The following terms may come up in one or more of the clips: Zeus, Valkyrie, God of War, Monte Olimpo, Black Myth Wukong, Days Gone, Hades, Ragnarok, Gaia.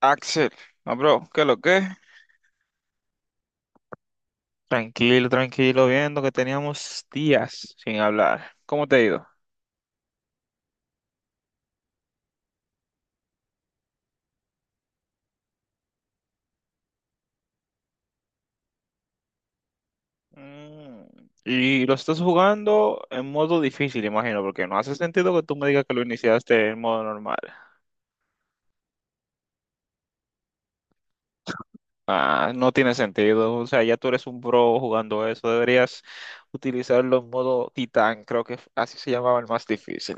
Axel, no, bro, ¿qué lo que? Tranquilo, tranquilo, viendo que teníamos días sin hablar. ¿Cómo te ha ido? Mm, Y lo estás jugando en modo difícil, imagino, porque no hace sentido que tú me digas que lo iniciaste en modo normal. Ah, no tiene sentido, o sea, ya tú eres un pro jugando eso, deberías utilizarlo en modo titán, creo que así se llamaba el más difícil.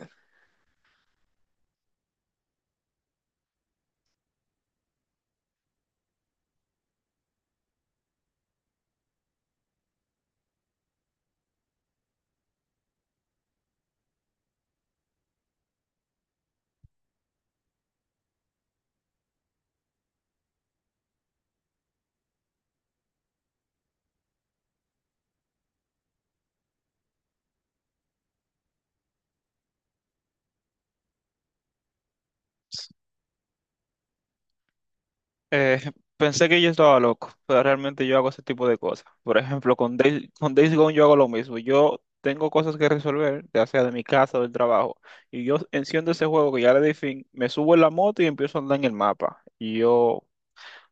Eh, Pensé que yo estaba loco, pero realmente yo hago ese tipo de cosas. Por ejemplo, con Days Gone yo hago lo mismo. Yo tengo cosas que resolver, ya sea de mi casa o del trabajo, y yo enciendo ese juego que ya le di fin, me subo en la moto y empiezo a andar en el mapa. Y yo,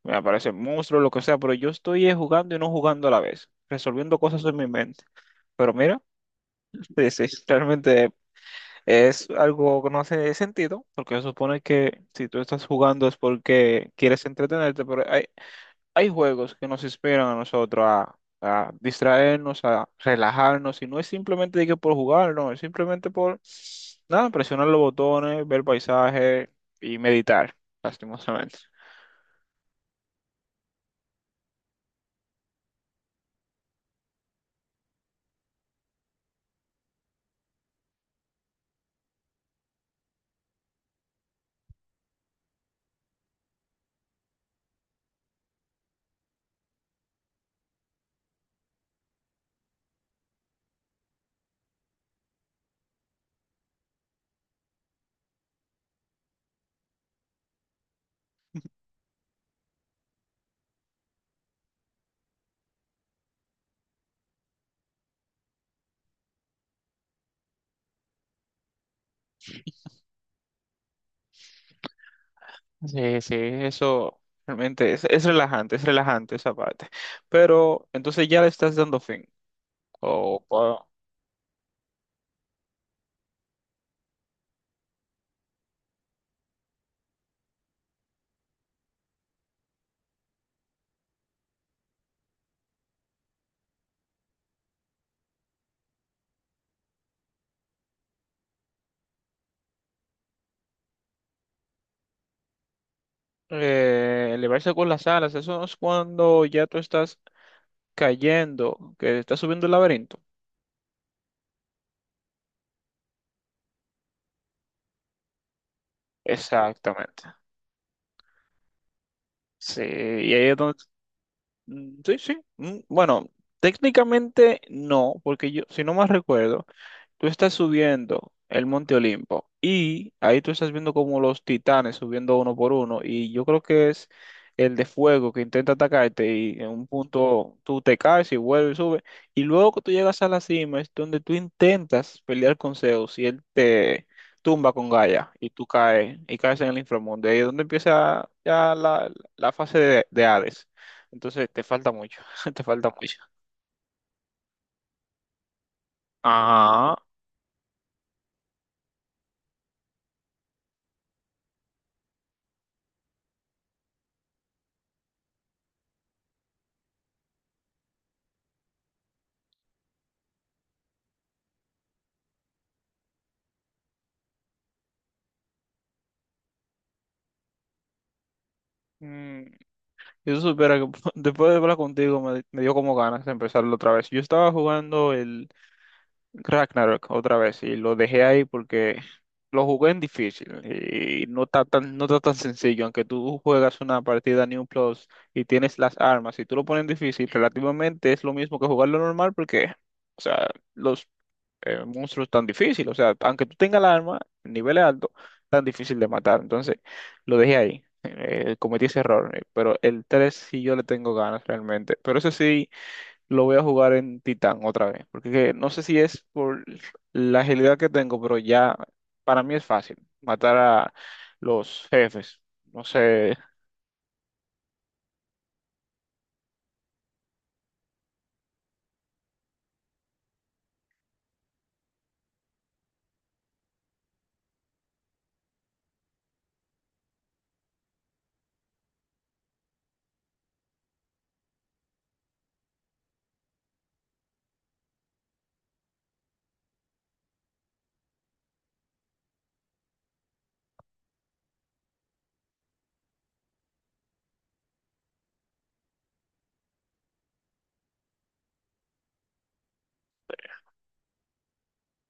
me aparece monstruo, lo que sea, pero yo estoy jugando y no jugando a la vez, resolviendo cosas en mi mente. Pero mira, sí, sí, realmente es algo que no hace sentido, porque se supone que si tú estás jugando es porque quieres entretenerte, pero hay juegos que nos inspiran a nosotros a distraernos, a relajarnos, y no es simplemente de que por jugar, no, es simplemente por nada, presionar los botones, ver paisaje y meditar, lastimosamente. Sí, sí, eso realmente es relajante, es relajante esa parte. Pero entonces ya le estás dando fin. O o, Elevarse con las alas, eso es cuando ya tú estás cayendo, que estás subiendo el laberinto. Exactamente. Sí, y ahí es donde... Mm. Sí, sí. Mm. Bueno, técnicamente no, porque yo, si no más recuerdo, tú estás subiendo el Monte Olimpo y ahí tú estás viendo como los titanes subiendo uno por uno y yo creo que es el de fuego que intenta atacarte y en un punto tú te caes y vuelves y subes y luego que tú llegas a la cima es donde tú intentas pelear con Zeus y él te tumba con Gaia y tú caes y caes en el inframundo, ahí es donde empieza ya la fase de Hades. Entonces te falta mucho, te falta mucho. Ajá. Y tú supieras que después de hablar contigo me dio como ganas de empezarlo otra vez. Yo estaba jugando el Ragnarok otra vez y lo dejé ahí porque lo jugué en difícil y no está tan, no está tan sencillo. Aunque tú juegas una partida New Plus y tienes las armas y tú lo pones en difícil, relativamente es lo mismo que jugarlo normal porque, o sea, los monstruos tan difícil. O sea, aunque tú tengas el arma, nivel alto, tan difícil de matar. Entonces, lo dejé ahí. Cometí ese error. Pero el 3 sí yo le tengo ganas realmente. Pero ese sí lo voy a jugar en Titán otra vez. Porque no sé si es por la agilidad que tengo, pero ya para mí es fácil matar a los jefes. No sé.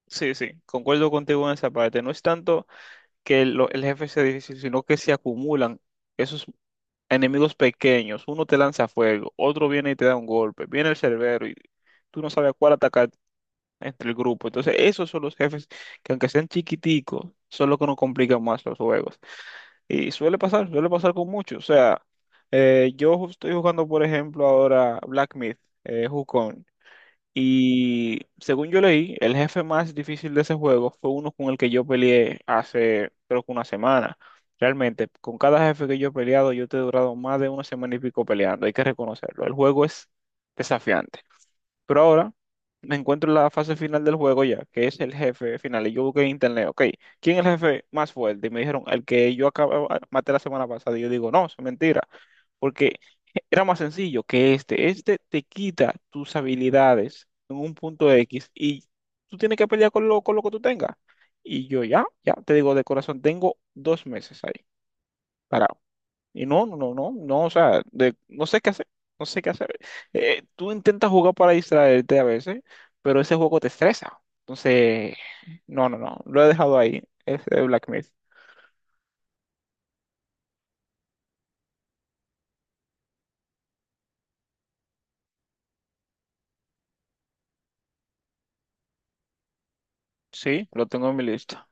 Sí, sí, concuerdo contigo en esa parte. No es tanto que el jefe sea difícil, sino que se acumulan esos enemigos pequeños, uno te lanza fuego, otro viene y te da un golpe, viene el cerbero y tú no sabes a cuál atacar entre el grupo. Entonces, esos son los jefes que aunque sean chiquiticos, son los que nos complican más los juegos. Y suele pasar con muchos. O sea, estoy jugando, por ejemplo, ahora Black Myth, Wukong. Y según yo leí, el jefe más difícil de ese juego fue uno con el que yo peleé hace, creo que una semana. Realmente, con cada jefe que yo he peleado, yo te he durado más de una semana y pico peleando, hay que reconocerlo. El juego es desafiante. Pero ahora me encuentro en la fase final del juego ya, que es el jefe final. Y yo busqué en internet, ok, ¿quién es el jefe más fuerte? Y me dijeron, el que yo acababa, maté la semana pasada. Y yo digo, no, es mentira, porque era más sencillo que este. Este te quita tus habilidades en un punto X y tú tienes que pelear con lo que tú tengas. Y yo ya, ya, te digo de corazón, tengo 2 meses ahí. Para y no, no, no, no, no, o sea, no sé qué hacer, no sé qué hacer. Tú intentas jugar para distraerte a veces, pero ese juego te estresa. Entonces, no, no, no, lo he dejado ahí, ese de Black Myth. Sí, lo tengo en mi lista.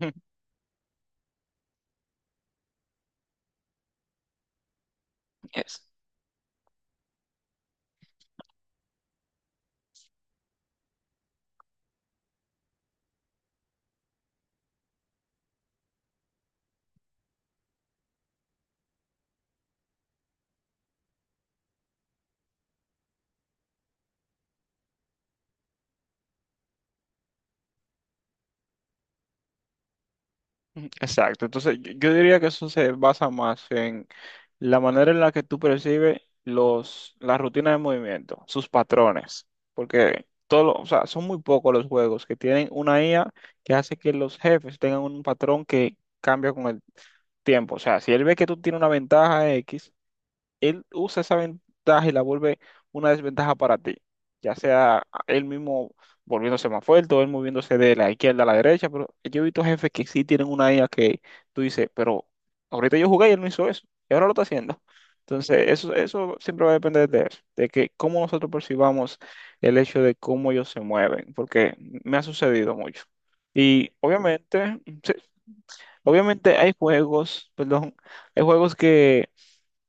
Yes. Ujú. Exacto, entonces yo diría que eso se basa más en la manera en la que tú percibes los, las rutinas de movimiento, sus patrones, porque todo, o sea, son muy pocos los juegos que tienen una IA que hace que los jefes tengan un patrón que cambia con el tiempo, o sea, si él ve que tú tienes una ventaja X, él usa esa ventaja y la vuelve una desventaja para ti, ya sea él mismo volviéndose más fuerte o él moviéndose de la izquierda a la derecha, pero yo he visto jefes que sí tienen una IA que tú dices, pero ahorita yo jugué y él no hizo eso, y ahora lo está haciendo. Entonces, eso siempre va a depender de eso, de que cómo nosotros percibamos el hecho de cómo ellos se mueven, porque me ha sucedido mucho. Y obviamente, sí, obviamente hay juegos, perdón, hay juegos que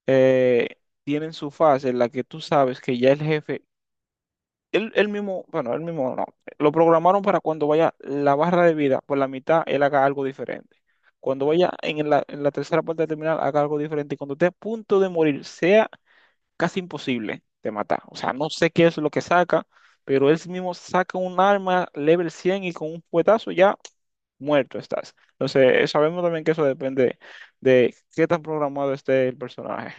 eh, tienen su fase en la que tú sabes que ya el jefe, él mismo, bueno, él mismo no, lo programaron para cuando vaya la barra de vida por la mitad, él haga algo diferente. Cuando vaya en la, tercera parte del terminal, haga algo diferente. Y cuando esté a punto de morir, sea casi imposible de matar. O sea, no sé qué es lo que saca, pero él mismo saca un arma level 100 y con un puetazo ya muerto estás. Entonces, sabemos también que eso depende de qué tan programado esté el personaje.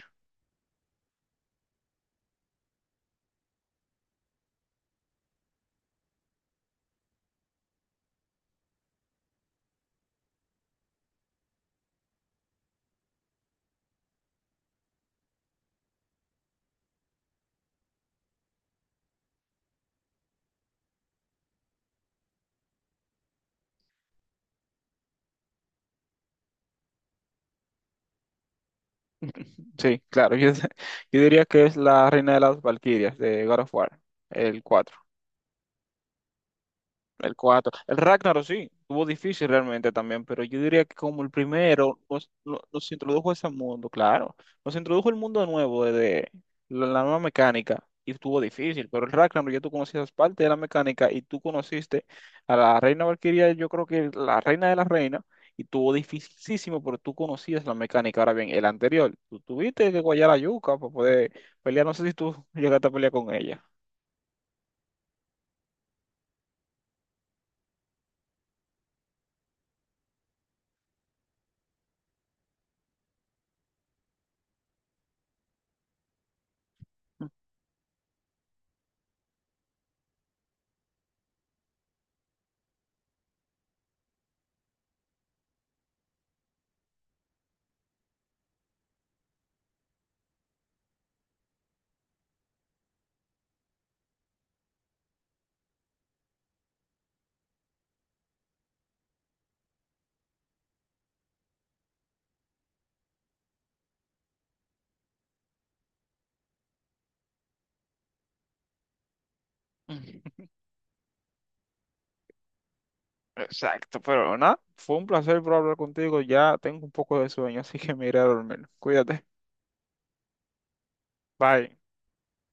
Sí, claro. Yo diría que es la reina de las Valquirias de God of War, el 4. El cuatro. El Ragnarok sí, tuvo difícil realmente también, pero yo diría que como el primero nos, no- nos introdujo a ese mundo, claro. Nos introdujo el mundo nuevo de la nueva mecánica y estuvo difícil, pero el Ragnarok ya tú conocías parte de la mecánica y tú conociste a la reina Valkyria, yo creo que la reina de la reina, y tuvo dificilísimo, pero tú conocías la mecánica. Ahora bien, el anterior, tú tuviste que guayar la yuca para poder pelear, no sé si tú llegaste a pelear con ella. Exacto, pero nada, fue un placer por hablar contigo. Ya tengo un poco de sueño, así que me iré a dormir. Cuídate. Bye.